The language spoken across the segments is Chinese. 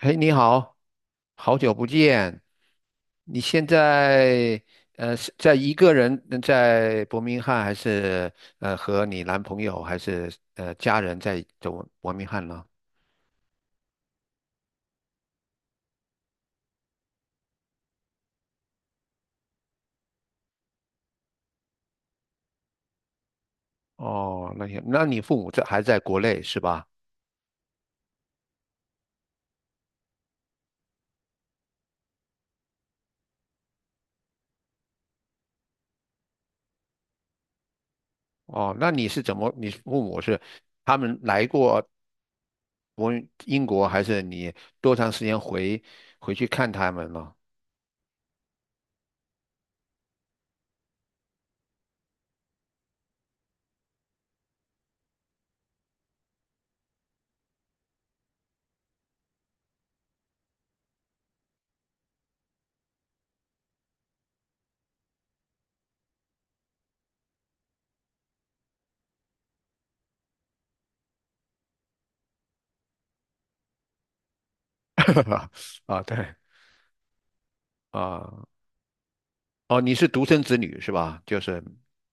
嘿，你好，好久不见。你现在是在一个人在伯明翰，还是和你男朋友，还是家人在走伯明翰呢？哦，那些，那你父母在还在国内是吧？哦，那你是怎么？你父母是他们来过国英国，还是你多长时间回去看他们呢？啊，对啊。哦，你是独生子女是吧？就是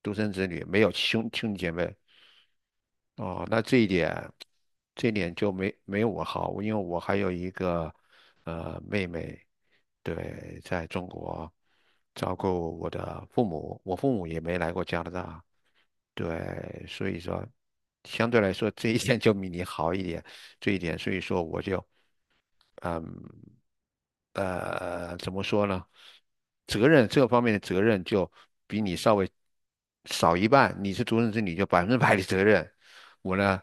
独生子女，没有兄弟姐妹。哦，那这一点就没有我好，因为我还有一个妹妹，对，在中国照顾我的父母，我父母也没来过加拿大，对，所以说相对来说这一点就比你好一点，这一点，所以说我就嗯。怎么说呢？责任这方面的责任就比你稍微少一半。你是独生子女，就百分之百的责任。我呢，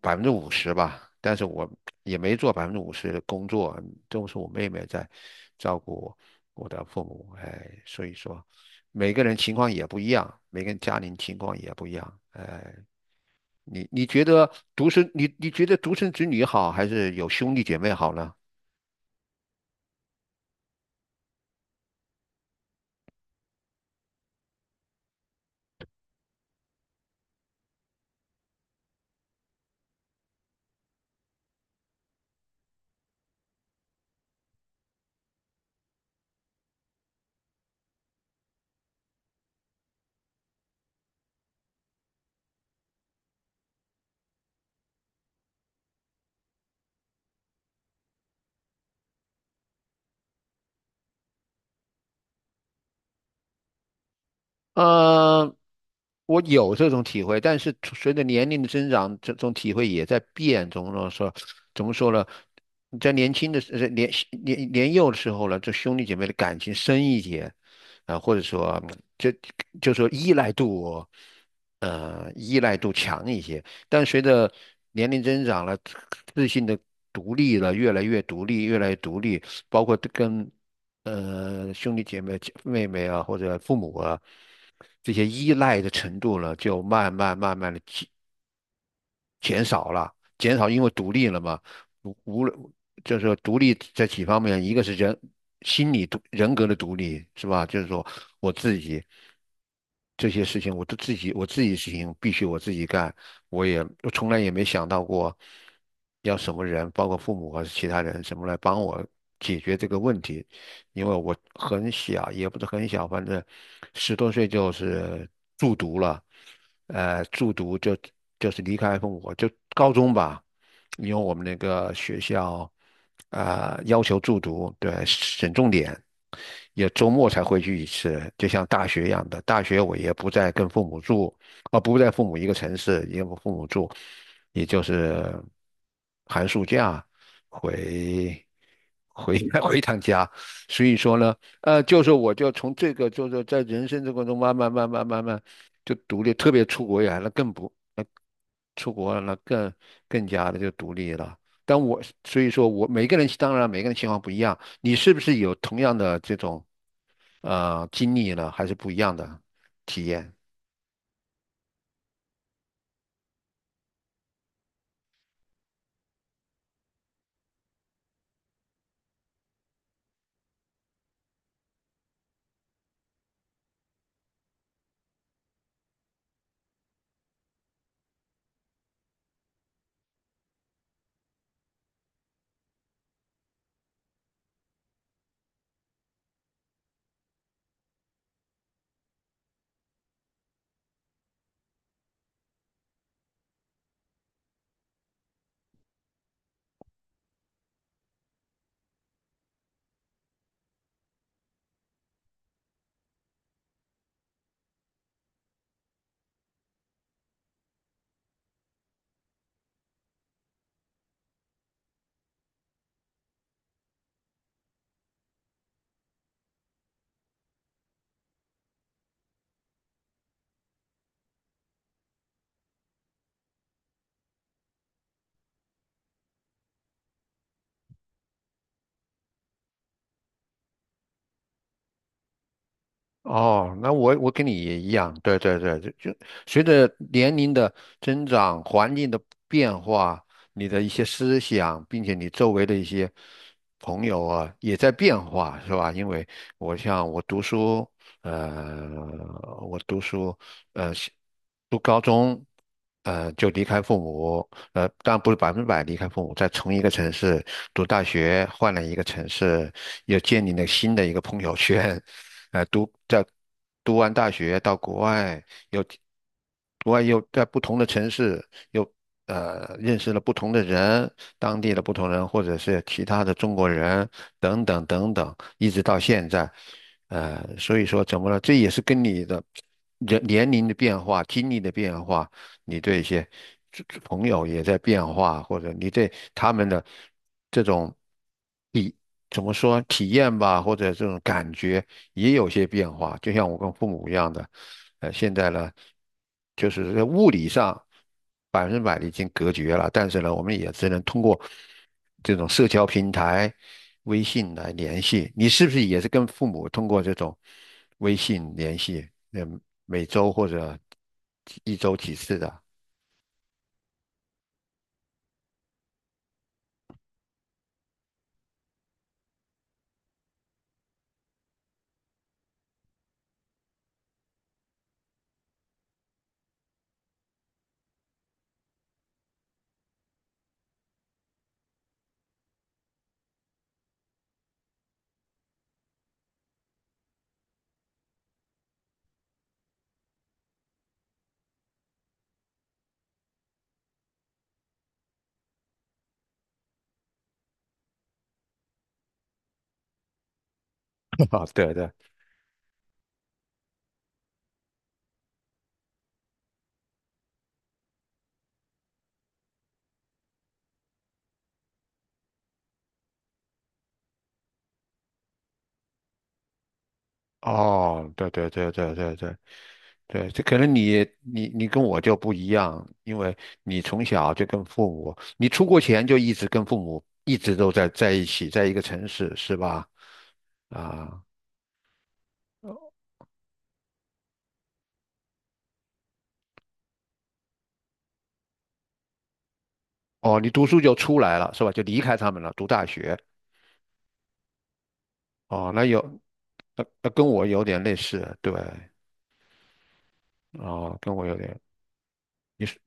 百分之五十吧，但是我也没做百分之五十的工作，都是我妹妹在照顾我的父母。哎，所以说每个人情况也不一样，每个人家庭情况也不一样。哎，你你觉得你觉得独生子女好，还是有兄弟姐妹好呢？呃，我有这种体会，但是随着年龄的增长，这种体会也在变。怎么说？怎么说呢？你在年轻的时呃年年年幼的时候呢，这兄弟姐妹的感情深一些，啊、或者说就就说依赖度，依赖度强一些。但随着年龄增长了，自信的独立了，越来越独立，越来越独立，包括跟兄弟姐妹、妹妹啊，或者父母啊，这些依赖的程度呢，就慢慢慢慢的减少了，减少因为独立了嘛，无论就是说独立在几方面，一个是人格的独立，是吧？就是说我自己这些事情，我自己事情必须我自己干，我从来也没想到过要什么人，包括父母还是其他人，什么来帮我解决这个问题，因为我很小，也不是很小，反正十多岁就是住读了。住读就是离开父母，就高中吧，因为我们那个学校啊、要求住读，对，省重点，也周末才回去一次，就像大学一样的。大学我也不再跟父母住，啊、不在父母一个城市，也不父母住，也就是寒暑假回回 回一趟家。所以说呢，就是我就从这个，就是在人生这过程中慢慢慢慢慢慢就独立，特别出国远那更不，那出国了那更加的就独立了。但我所以说我每个人当然每个人情况不一样，你是不是有同样的这种经历了还是不一样的体验？哦，那我跟你也一样，对对对，就随着年龄的增长、环境的变化，你的一些思想，并且你周围的一些朋友啊，也在变化，是吧？因为我像我读书，呃，我读书，呃，读高中。就离开父母，当然不是百分之百离开父母，在同一个城市读大学，换了一个城市，又建立了新的一个朋友圈，呃，读在读完大学到国外，又国外又在不同的城市又认识了不同的人，当地的不同人，或者是其他的中国人等等等等，一直到现在，所以说怎么了？这也是跟你的人年龄的变化、经历的变化。你对一些这朋友也在变化，或者你对他们的这种体怎么说体验吧，或者这种感觉也有些变化。就像我跟父母一样的，现在呢，就是在物理上。百分之百的已经隔绝了，但是呢，我们也只能通过这种社交平台、微信来联系。你是不是也是跟父母通过这种微信联系？嗯，每周或者一周几次的？啊，对对，哦，对对对对对对。对，这可能你跟我就不一样，因为你从小就跟父母，你出国前就一直跟父母一直都在一起，在一个城市，是吧？啊。哦，你读书就出来了是吧？就离开他们了，读大学。哦，那有，那跟我有点类似，对，哦，跟我有点，你是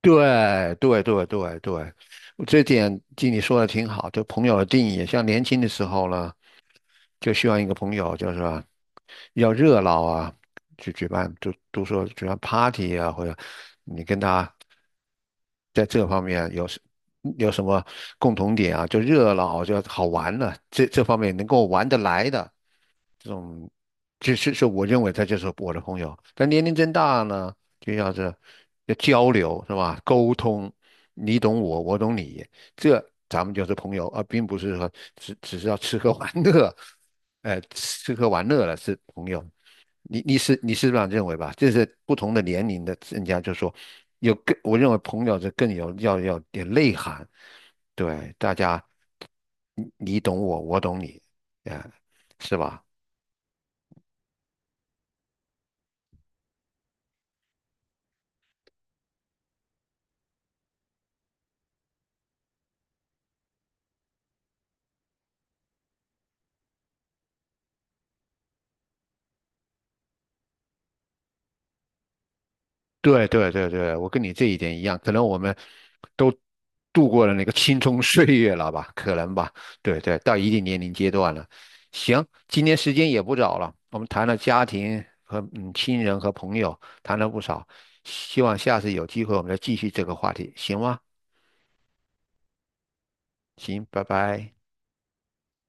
对对对对对，这点经你说的挺好，就朋友的定义，像年轻的时候呢，就需要一个朋友，就是说要热闹啊，去举办，都说举办 party 啊，或者你跟他在这方面有什么共同点啊？就热闹，就好玩的，这方面能够玩得来的，这种，就是我认为他就是我的朋友。但年龄增大呢，就要是要交流是吧？沟通，你懂我，我懂你，这咱们就是朋友，而并不是说只是要吃喝玩乐，吃喝玩乐了是朋友。你是这样认为吧？这是不同的年龄的人家就说有更，我认为朋友是更有要点内涵，对，大家你懂我，我懂你，哎，是吧？对对对对，我跟你这一点一样，可能我们都度过了那个青葱岁月了吧，可能吧，对对，到一定年龄阶段了。行，今天时间也不早了，我们谈了家庭和亲人和朋友，谈了不少，希望下次有机会我们再继续这个话题，行吗？行，拜拜。